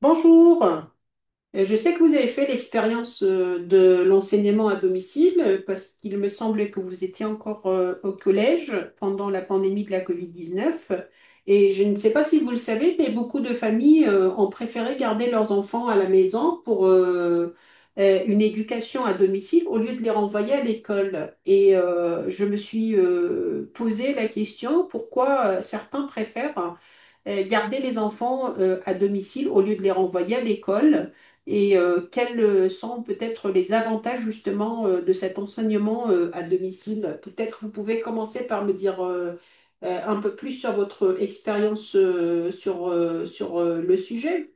Bonjour. Je sais que vous avez fait l'expérience de l'enseignement à domicile parce qu'il me semblait que vous étiez encore au collège pendant la pandémie de la COVID-19. Et je ne sais pas si vous le savez, mais beaucoup de familles ont préféré garder leurs enfants à la maison pour une éducation à domicile au lieu de les renvoyer à l'école. Et je me suis posé la question pourquoi certains préfèrent garder les enfants à domicile au lieu de les renvoyer à l'école et quels sont peut-être les avantages justement de cet enseignement à domicile? Peut-être vous pouvez commencer par me dire un peu plus sur votre expérience sur le sujet.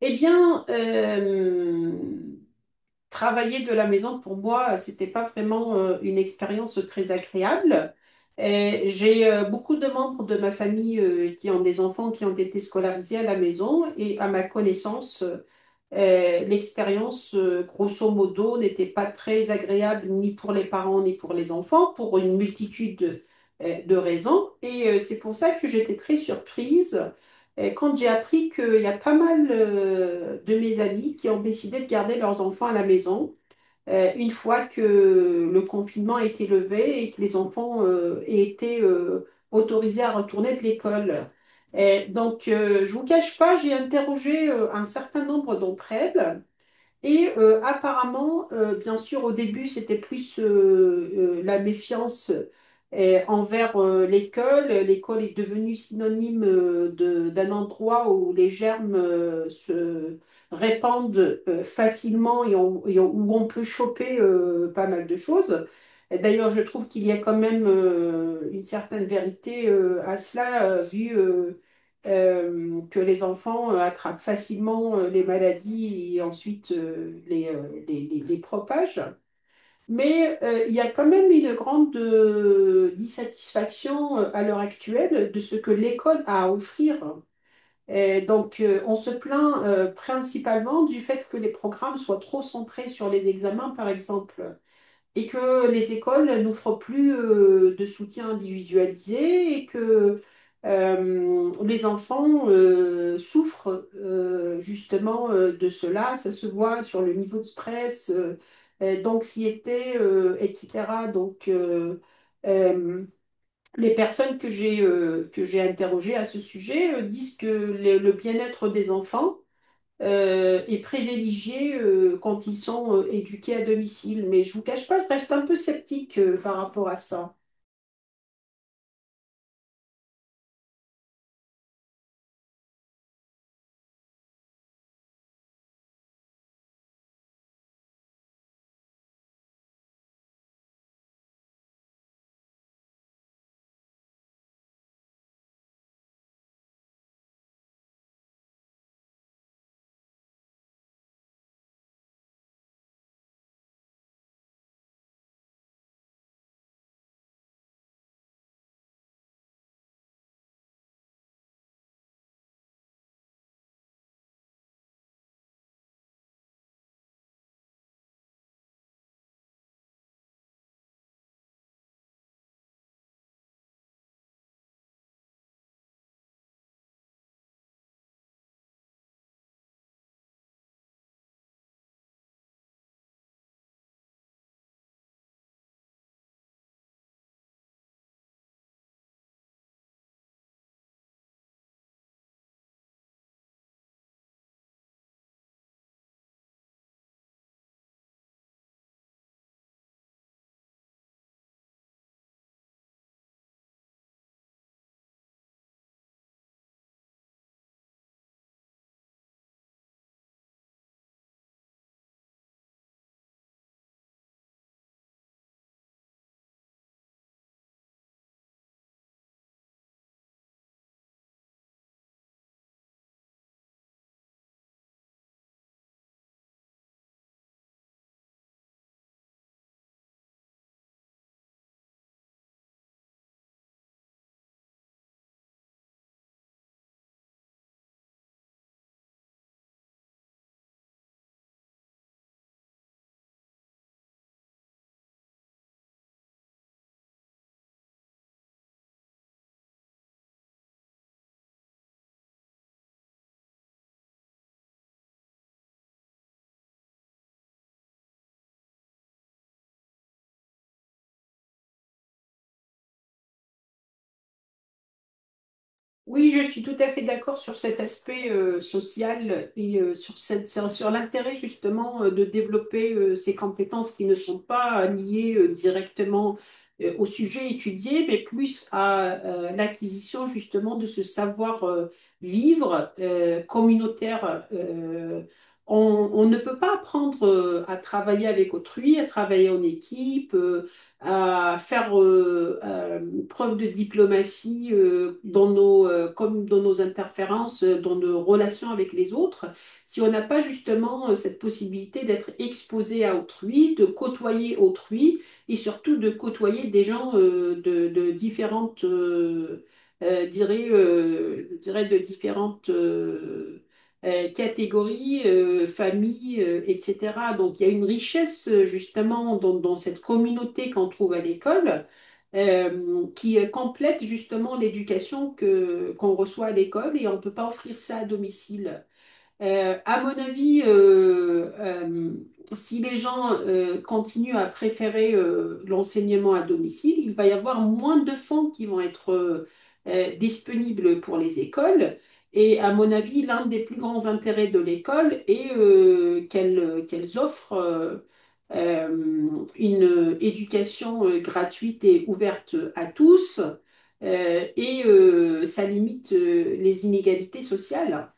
Eh bien, travailler de la maison pour moi, c'était pas vraiment une expérience très agréable. Et j'ai beaucoup de membres de ma famille qui ont des enfants qui ont été scolarisés à la maison et à ma connaissance. L'expérience, grosso modo, n'était pas très agréable ni pour les parents ni pour les enfants, pour une multitude de raisons. Et c'est pour ça que j'étais très surprise quand j'ai appris qu'il y a pas mal de mes amis qui ont décidé de garder leurs enfants à la maison une fois que le confinement a été levé et que les enfants aient été autorisés à retourner de l'école. Et donc, je vous cache pas, j'ai interrogé un certain nombre d'entre elles. Et apparemment, bien sûr, au début, c'était plus la méfiance envers l'école. L'école est devenue synonyme d'un endroit où les germes se répandent facilement et, où on peut choper pas mal de choses. Et d'ailleurs, je trouve qu'il y a quand même une certaine vérité à cela, vu que les enfants attrapent facilement les maladies et ensuite les propagent. Mais il y a quand même une grande dissatisfaction à l'heure actuelle de ce que l'école a à offrir. Et donc, on se plaint principalement du fait que les programmes soient trop centrés sur les examens, par exemple, et que les écoles n'offrent plus de soutien individualisé et que les enfants souffrent justement de cela. Ça se voit sur le niveau de stress, d'anxiété, etc. Donc, euh, les personnes que j'ai interrogées à ce sujet disent que le bien-être des enfants est privilégié quand ils sont éduqués à domicile. Mais je ne vous cache pas, je reste un peu sceptique par rapport à ça. Oui, je suis tout à fait d'accord sur cet aspect social et sur cette, sur l'intérêt justement de développer ces compétences qui ne sont pas liées directement au sujet étudié, mais plus à l'acquisition justement de ce savoir-vivre communautaire. On, on ne peut pas apprendre à travailler avec autrui, à travailler en équipe. À faire preuve de diplomatie dans nos, comme dans nos interférences, dans nos relations avec les autres, si on n'a pas justement cette possibilité d'être exposé à autrui, de côtoyer autrui et surtout de côtoyer des gens de différentes, je dirais de différentes catégories, familles, etc. Donc il y a une richesse justement dans cette communauté qu'on trouve à l'école qui complète justement l'éducation qu'on reçoit à l'école et on ne peut pas offrir ça à domicile. À mon avis, Si les gens continuent à préférer l'enseignement à domicile, il va y avoir moins de fonds qui vont être disponibles pour les écoles. Et à mon avis, l'un des plus grands intérêts de l'école est qu'elles offrent euh, une éducation gratuite et ouverte à tous, ça limite les inégalités sociales.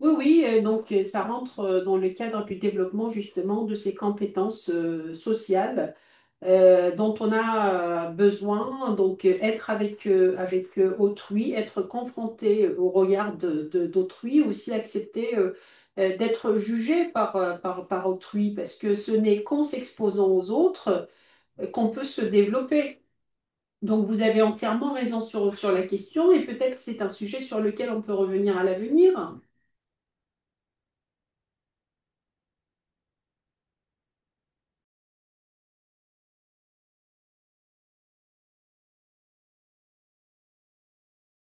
Oui, oui, donc ça rentre dans le cadre du développement justement de ces compétences sociales dont on a besoin, donc être avec, avec autrui, être confronté au regard d'autrui, aussi accepter d'être jugé par par autrui, parce que ce n'est qu'en s'exposant aux autres qu'on peut se développer. Donc vous avez entièrement raison sur la question et peut-être c'est un sujet sur lequel on peut revenir à l'avenir.